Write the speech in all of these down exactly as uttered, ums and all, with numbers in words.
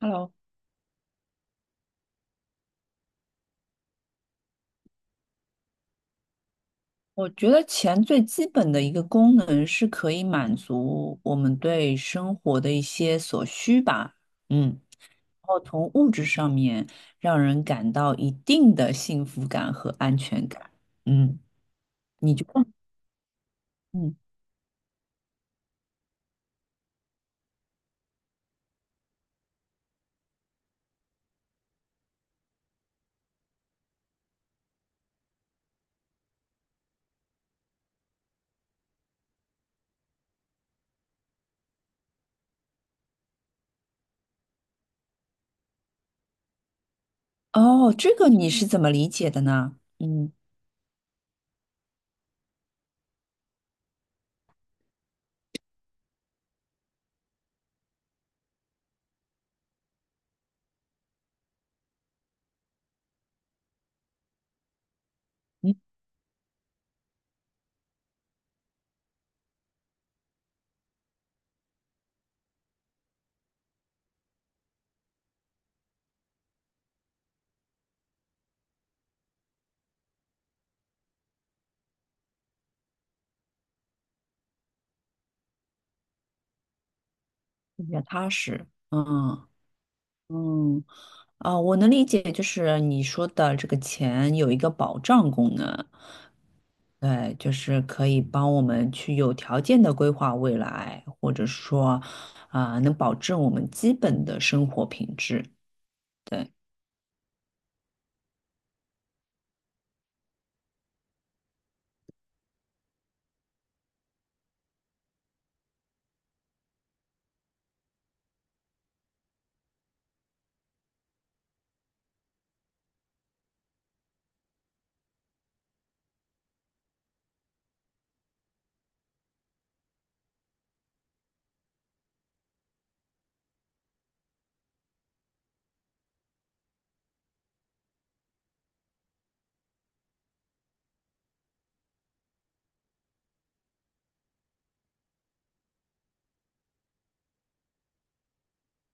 Hello，我觉得钱最基本的一个功能是可以满足我们对生活的一些所需吧。嗯，然后从物质上面让人感到一定的幸福感和安全感。嗯，你就得？嗯。哦，这个你是怎么理解的呢？嗯，你比较踏实，嗯。嗯，啊、我能理解，就是你说的这个钱有一个保障功能。对，就是可以帮我们去有条件的规划未来，或者说，啊、能保证我们基本的生活品质。对，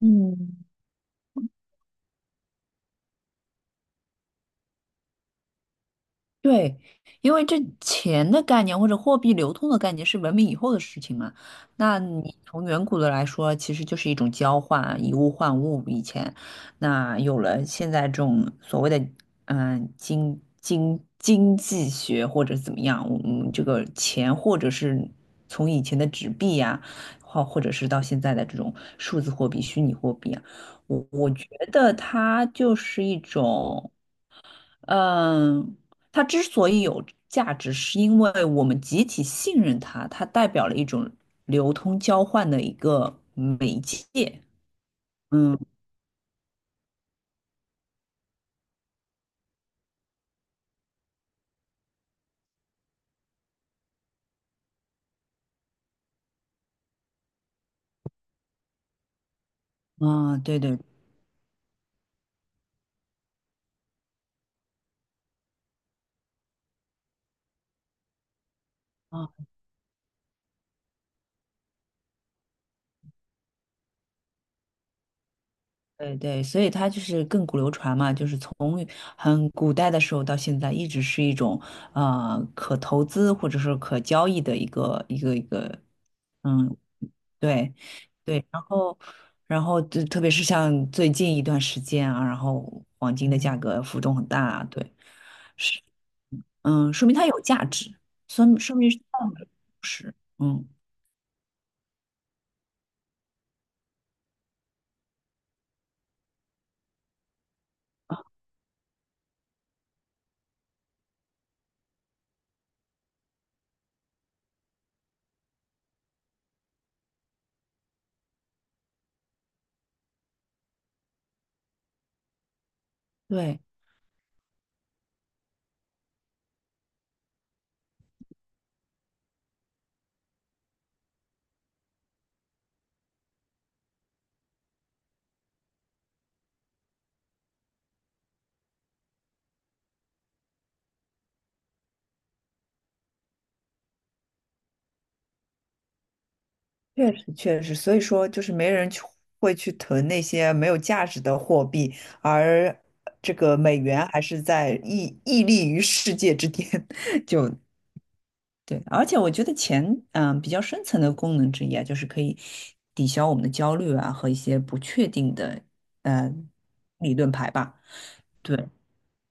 嗯，对。因为这钱的概念或者货币流通的概念是文明以后的事情嘛。那你从远古的来说，其实就是一种交换，以物换物。以前，那有了现在这种所谓的嗯、呃经经经济学或者怎么样，嗯，这个钱或者是从以前的纸币呀、或或者是到现在的这种数字货币、虚拟货币啊，我我觉得它就是一种。嗯，它之所以有价值，是因为我们集体信任它，它代表了一种流通交换的一个媒介。嗯，啊，对对。啊，对对，所以它就是亘古流传嘛，就是从很古代的时候到现在，一直是一种呃可投资或者是可交易的一个一个一个，嗯，对对。然后然后就特别是像最近一段时间啊，然后黄金的价格浮动很大啊。对，是嗯，说明它有价值，说明说明是价值。嗯，对，确实确实，所以说就是没人去会去囤那些没有价值的货币，而这个美元还是在屹屹立于世界之巅，就对。而且我觉得钱，嗯、比较深层的功能之一啊，就是可以抵消我们的焦虑啊和一些不确定的，呃，理论牌吧。对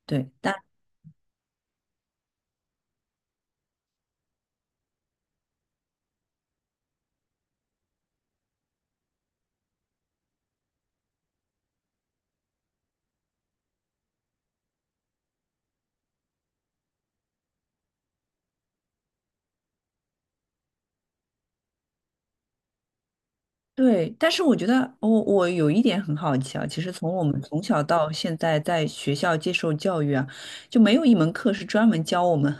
对，但对，但是我觉得我我有一点很好奇啊，其实从我们从小到现在在学校接受教育啊，就没有一门课是专门教我们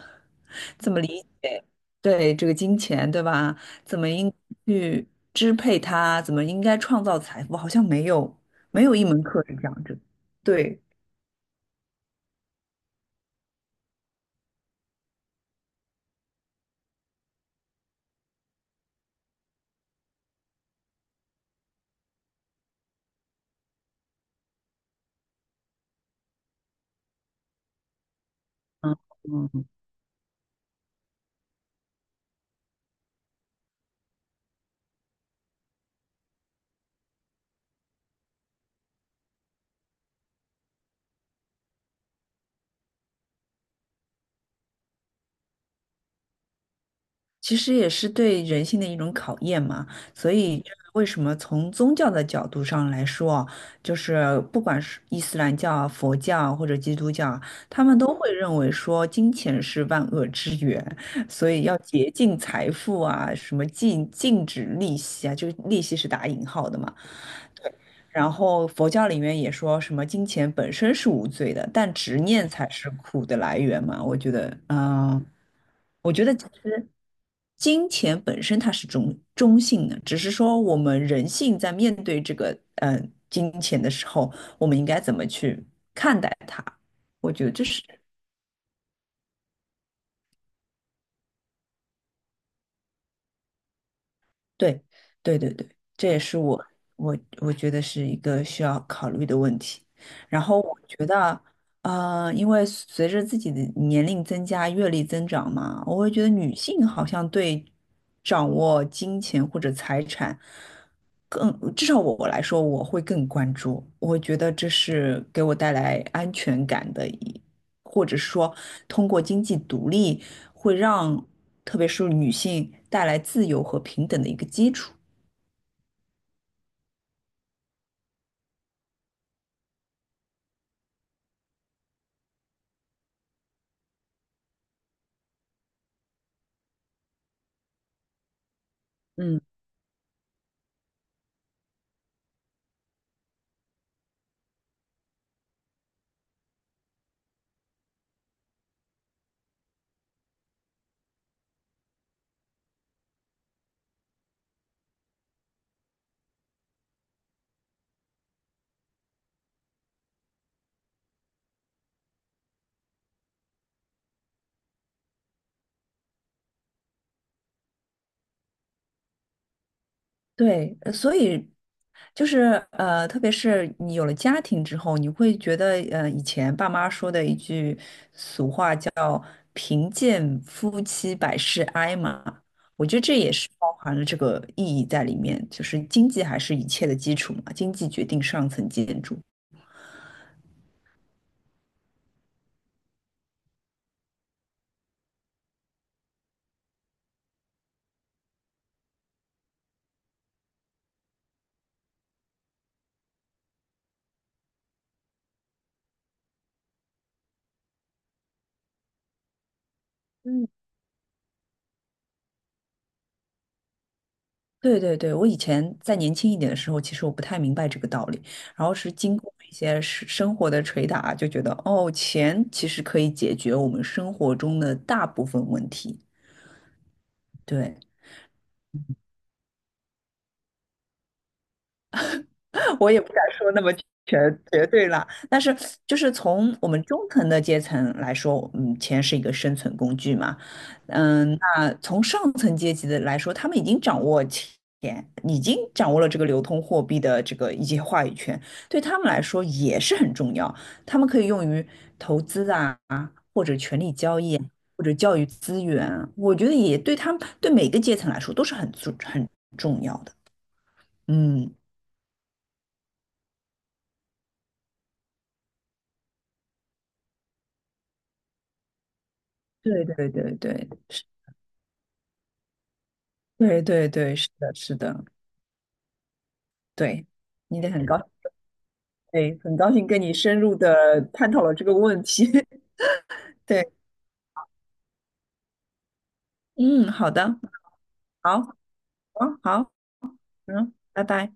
怎么理对这个金钱，对吧？怎么应去支配它，怎么应该创造财富，好像没有没有一门课是这样子。对，嗯嗯。其实也是对人性的一种考验嘛，所以就是为什么从宗教的角度上来说，就是不管是伊斯兰教啊、佛教啊或者基督教啊，他们都会认为说金钱是万恶之源，所以要竭尽财富啊，什么禁禁止利息啊，就是利息是打引号的嘛。然后佛教里面也说什么金钱本身是无罪的，但执念才是苦的来源嘛。我觉得，嗯、我觉得其实。金钱本身它是中中性的，只是说我们人性在面对这个嗯呃金钱的时候，我们应该怎么去看待它？我觉得这是对，对对对，这也是我我我觉得是一个需要考虑的问题。然后我觉得，呃，因为随着自己的年龄增加、阅历增长嘛，我会觉得女性好像对掌握金钱或者财产更，至少我来说，我会更关注。我觉得这是给我带来安全感的一。或者是说通过经济独立，会让特别是女性带来自由和平等的一个基础。嗯对，呃所以就是呃，特别是你有了家庭之后，你会觉得呃，以前爸妈说的一句俗话叫“贫贱夫妻百事哀”嘛，我觉得这也是包含了这个意义在里面，就是经济还是一切的基础嘛，经济决定上层建筑。嗯。对对对，我以前在年轻一点的时候，其实我不太明白这个道理，然后是经过一些生生活的捶打，就觉得哦，钱其实可以解决我们生活中的大部分问题。对，我也不敢说那么全绝对了，但是就是从我们中层的阶层来说，嗯，钱是一个生存工具嘛。嗯，那从上层阶级的来说，他们已经掌握钱，已经掌握了这个流通货币的这个一些话语权，对他们来说也是很重要，他们可以用于投资啊，或者权力交易，或者教育资源，我觉得也对他们对每个阶层来说都是很重很重要的。嗯。对对对对，对对对，是的，是的，对，你得很高，对，很高兴跟你深入的探讨了这个问题。对，嗯，好的，好，好，好，嗯，拜拜。